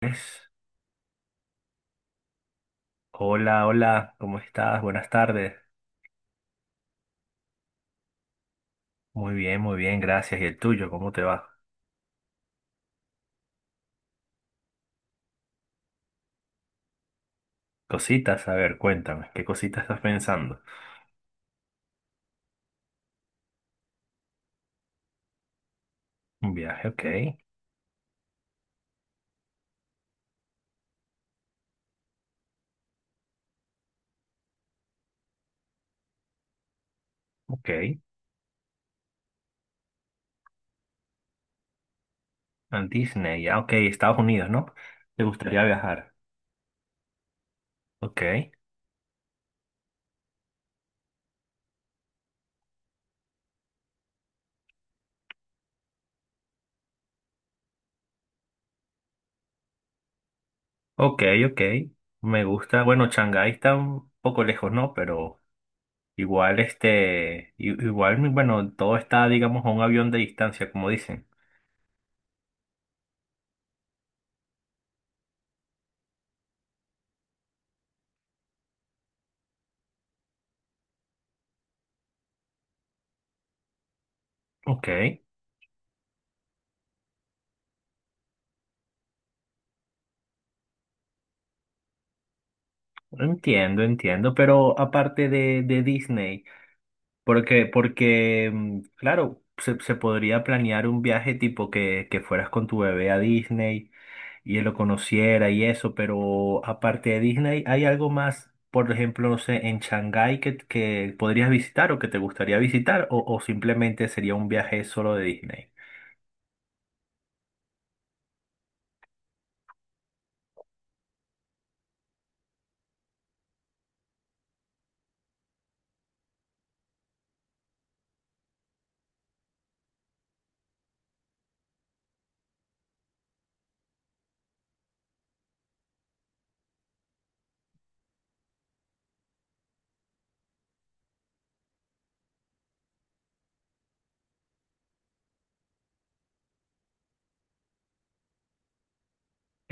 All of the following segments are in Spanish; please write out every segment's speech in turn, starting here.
Pues. Hola, hola, ¿cómo estás? Buenas tardes. Muy bien, gracias. ¿Y el tuyo? ¿Cómo te va? Cositas, a ver, cuéntame, ¿qué cositas estás pensando? Un viaje, ok, ok. A Disney, ya, ok, Estados Unidos, ¿no? ¿Te gustaría viajar? Ok, ok, ok. Me gusta, bueno, Shanghái está un poco lejos, ¿no? Pero igual, igual, bueno, todo está, digamos, a un avión de distancia, como dicen. Ok, entiendo, entiendo, pero aparte de, Disney. Porque, claro, se podría planear un viaje tipo que fueras con tu bebé a Disney y él lo conociera y eso, pero aparte de Disney, ¿hay algo más, por ejemplo, no sé, en Shanghái que podrías visitar o que te gustaría visitar o simplemente sería un viaje solo de Disney?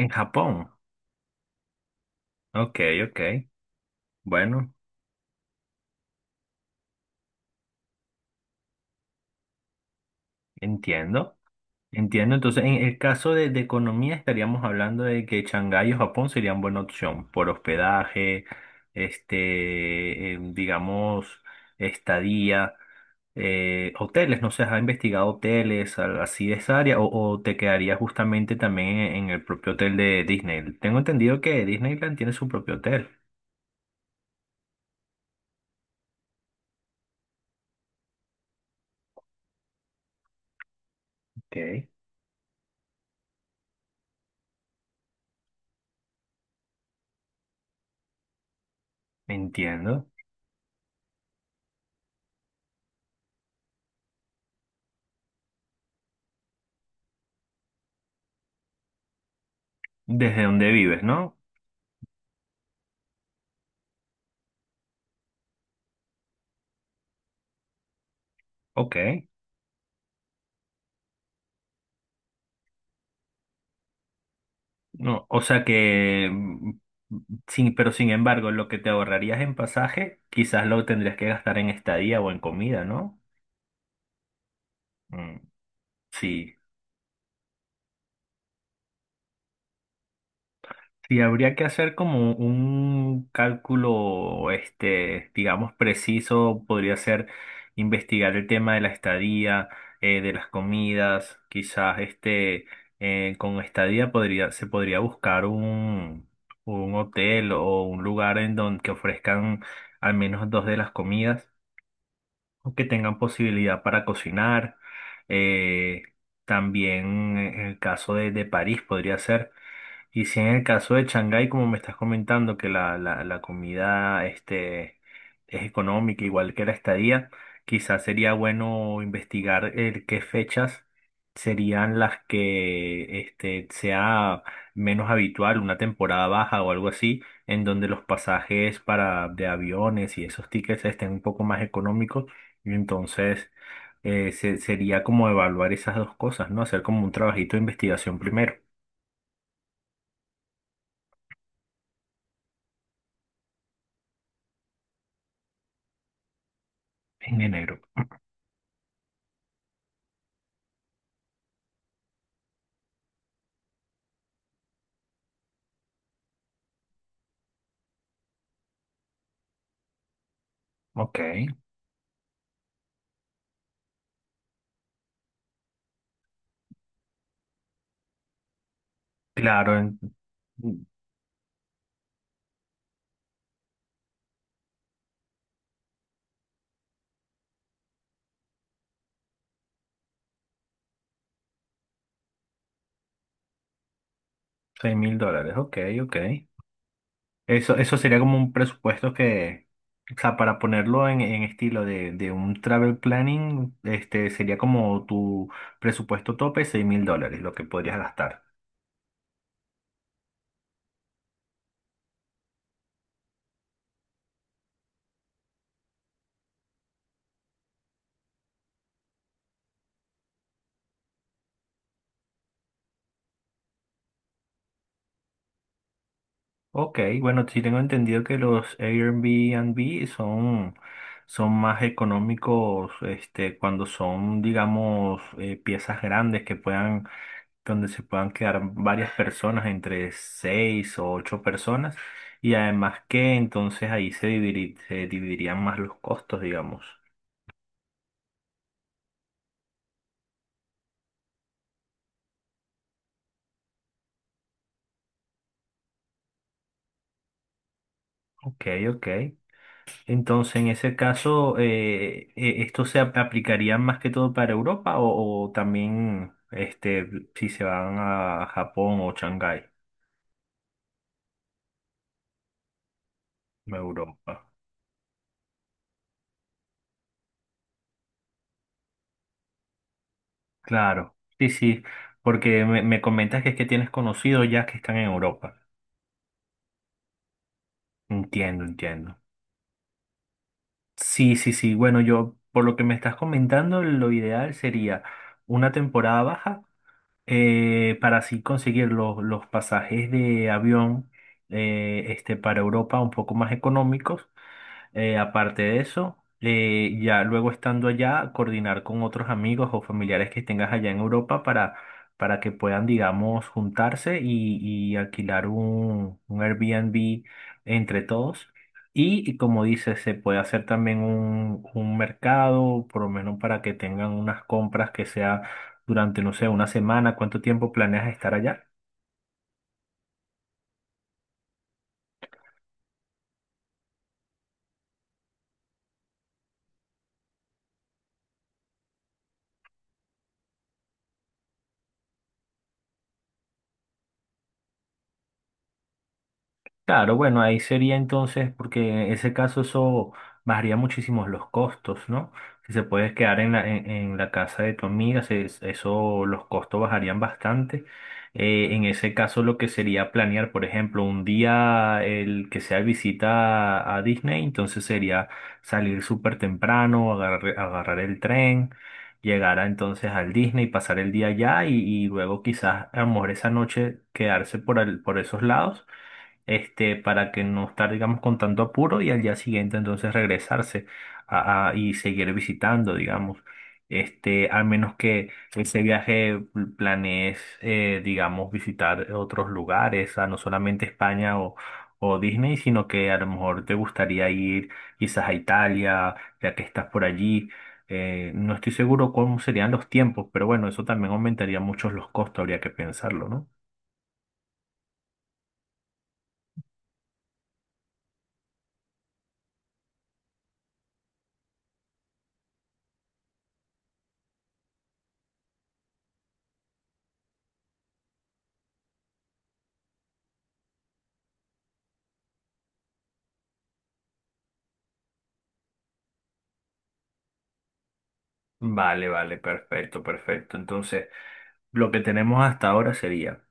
En Japón. Ok, ok. Bueno, entiendo. Entiendo, entonces en el caso de, economía estaríamos hablando de que Shanghái o Japón serían buena opción por hospedaje, este, digamos, estadía, hoteles, no sé, ¿has investigado hoteles así de esa área o te quedaría justamente también en el propio hotel de Disney? Tengo entendido que Disneyland tiene su propio hotel. Ok. Entiendo. Desde donde vives, ¿no? Ok. No, o sea que, sin, pero sin embargo, lo que te ahorrarías en pasaje, quizás lo tendrías que gastar en estadía o en comida, ¿no? Mm, sí. Sí, habría que hacer como un cálculo, este, digamos, preciso. Podría ser investigar el tema de la estadía, de las comidas. Quizás este, con estadía se podría buscar un, hotel o un lugar en donde que ofrezcan al menos dos de las comidas o que tengan posibilidad para cocinar. Eh, también en el caso de París podría ser. Y si en el caso de Shanghái, como me estás comentando, que la comida este, es económica, igual que la estadía, quizás sería bueno investigar qué fechas serían las que este, sea menos habitual, una temporada baja o algo así, en donde los pasajes de aviones y esos tickets estén un poco más económicos. Y entonces sería como evaluar esas dos cosas, ¿no? Hacer como un trabajito de investigación primero, en enero. Ok, claro, en $6,000, ok, ok. Eso sería como un presupuesto que, o sea, para ponerlo en, estilo de un travel planning, este sería como tu presupuesto tope, $6,000, lo que podrías gastar. Ok, bueno, sí tengo entendido que los Airbnb son más económicos, este, cuando son, digamos, piezas grandes que puedan donde se puedan quedar varias personas, entre seis o ocho personas, y además que entonces ahí se dividirían más los costos, digamos. Ok, ok. Entonces, en ese caso, ¿esto aplicaría más que todo para Europa o también este, si se van a Japón o Shanghái, Europa? Claro, sí, sí, porque me comentas que es que tienes conocidos ya que están en Europa. Entiendo, entiendo. Sí, sí, sí. Bueno, yo, por lo que me estás comentando, lo ideal sería una temporada baja para así conseguir los, pasajes de avión este, para Europa un poco más económicos aparte de eso, ya luego estando allá, coordinar con otros amigos o familiares que tengas allá en Europa para que puedan, digamos, juntarse y alquilar un, Airbnb entre todos. Y como dices, se puede hacer también un mercado, por lo menos para que tengan unas compras que sea durante, no sé, una semana. ¿Cuánto tiempo planeas estar allá? Claro, bueno, ahí sería entonces, porque en ese caso eso bajaría muchísimo los costos, ¿no? Si se puedes quedar en la, en la casa de tu amiga, eso, los costos bajarían bastante. En ese caso lo que sería planear, por ejemplo, un día el que sea visita a Disney, entonces sería salir súper temprano, agarrar el tren, llegar entonces al Disney, pasar el día allá y luego quizás a lo mejor esa noche quedarse por esos lados este, para que no estar, digamos, con tanto apuro y al día siguiente entonces regresarse y seguir visitando, digamos. Este, al menos que ese viaje planees, digamos, visitar otros lugares, a no solamente España o Disney, sino que a lo mejor te gustaría ir quizás a Italia, ya que estás por allí. No estoy seguro cómo serían los tiempos, pero bueno, eso también aumentaría mucho los costos, habría que pensarlo, ¿no? Vale, vale, perfecto, perfecto. Entonces, lo que tenemos hasta ahora sería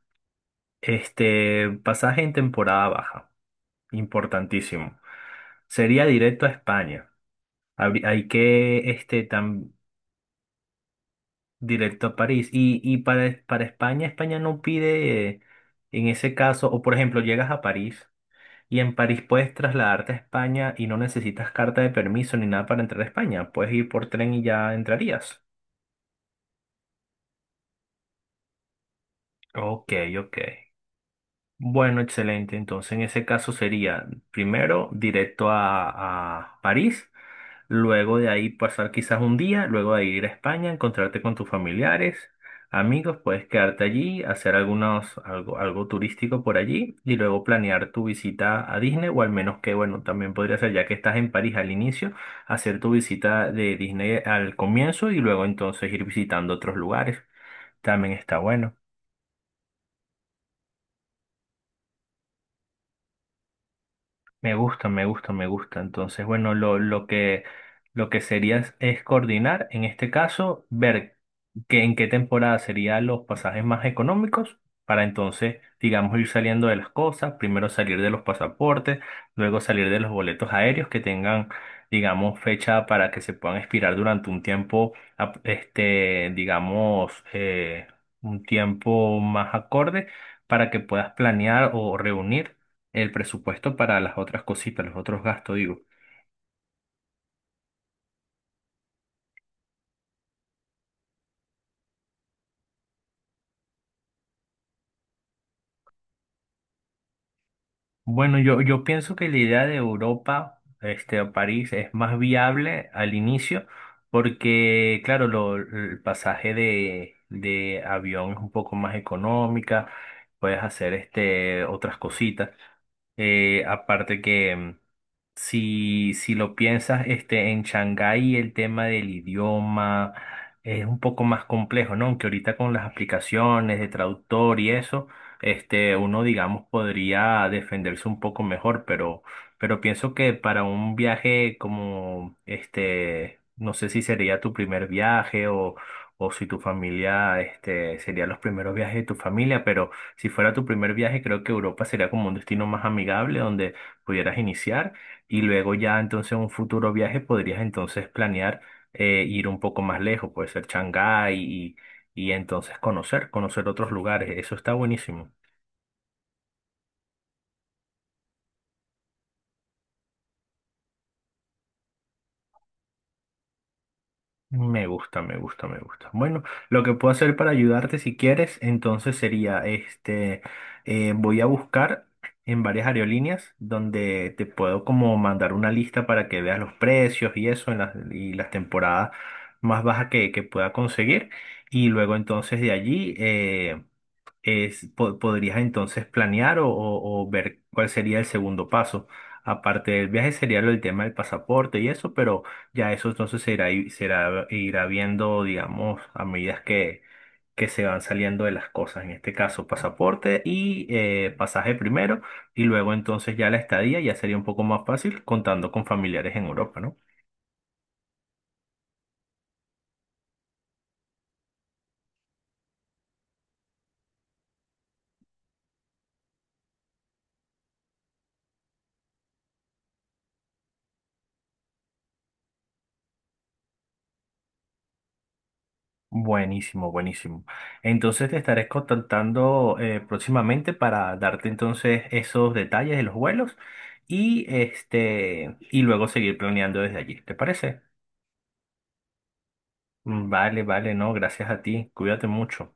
este pasaje en temporada baja, importantísimo. Sería directo a España. Hay que este tan directo a París. Y para, España no pide en ese caso, o por ejemplo, llegas a París y en París puedes trasladarte a España y no necesitas carta de permiso ni nada para entrar a España. Puedes ir por tren y ya entrarías. Ok, ok. Bueno, excelente. Entonces, en ese caso sería primero directo a París, luego de ahí pasar quizás un día, luego de ir a España, encontrarte con tus familiares, amigos, puedes quedarte allí, hacer algo turístico por allí y luego planear tu visita a Disney o al menos que, bueno, también podría ser, ya que estás en París al inicio, hacer tu visita de Disney al comienzo y luego entonces ir visitando otros lugares. También está bueno. Me gusta, me gusta, me gusta. Entonces, bueno, lo que sería es coordinar, en este caso, ver en qué temporada serían los pasajes más económicos para entonces, digamos, ir saliendo de las cosas, primero salir de los pasaportes, luego salir de los boletos aéreos que tengan, digamos, fecha para que se puedan expirar durante un tiempo, este, digamos, un tiempo más acorde para que puedas planear o reunir el presupuesto para las otras cositas, los otros gastos, digo. Bueno, yo pienso que la idea de Europa, este, o París, es más viable al inicio, porque, claro, el pasaje de avión es un poco más económica, puedes hacer este, otras cositas. Aparte que si lo piensas, este, en Shanghái el tema del idioma es un poco más complejo, ¿no? Aunque ahorita con las aplicaciones de traductor y eso, este, uno, digamos, podría defenderse un poco mejor, pero pienso que para un viaje como, este, no sé si sería tu primer viaje o si tu familia, este, sería los primeros viajes de tu familia, pero si fuera tu primer viaje, creo que Europa sería como un destino más amigable donde pudieras iniciar. Y luego ya entonces en un futuro viaje podrías entonces planear ir un poco más lejos, puede ser Shanghái y entonces conocer otros lugares. Eso está buenísimo. Me gusta, me gusta, me gusta. Bueno, lo que puedo hacer para ayudarte si quieres, entonces sería este, voy a buscar en varias aerolíneas donde te puedo como mandar una lista para que veas los precios y eso en y las temporadas más bajas que pueda conseguir. Y luego entonces de allí podrías entonces planear o ver cuál sería el segundo paso. Aparte del viaje sería el tema del pasaporte y eso, pero ya eso entonces se irá, i- será- irá viendo, digamos, a medida que se van saliendo de las cosas. En este caso, pasaporte y pasaje primero, y luego entonces ya la estadía ya sería un poco más fácil contando con familiares en Europa, ¿no? Buenísimo, buenísimo. Entonces te estaré contactando próximamente para darte entonces esos detalles de los vuelos y y luego seguir planeando desde allí. ¿Te parece? Mm, vale, vale, no, gracias a ti. Cuídate mucho.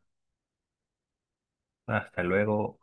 Hasta luego.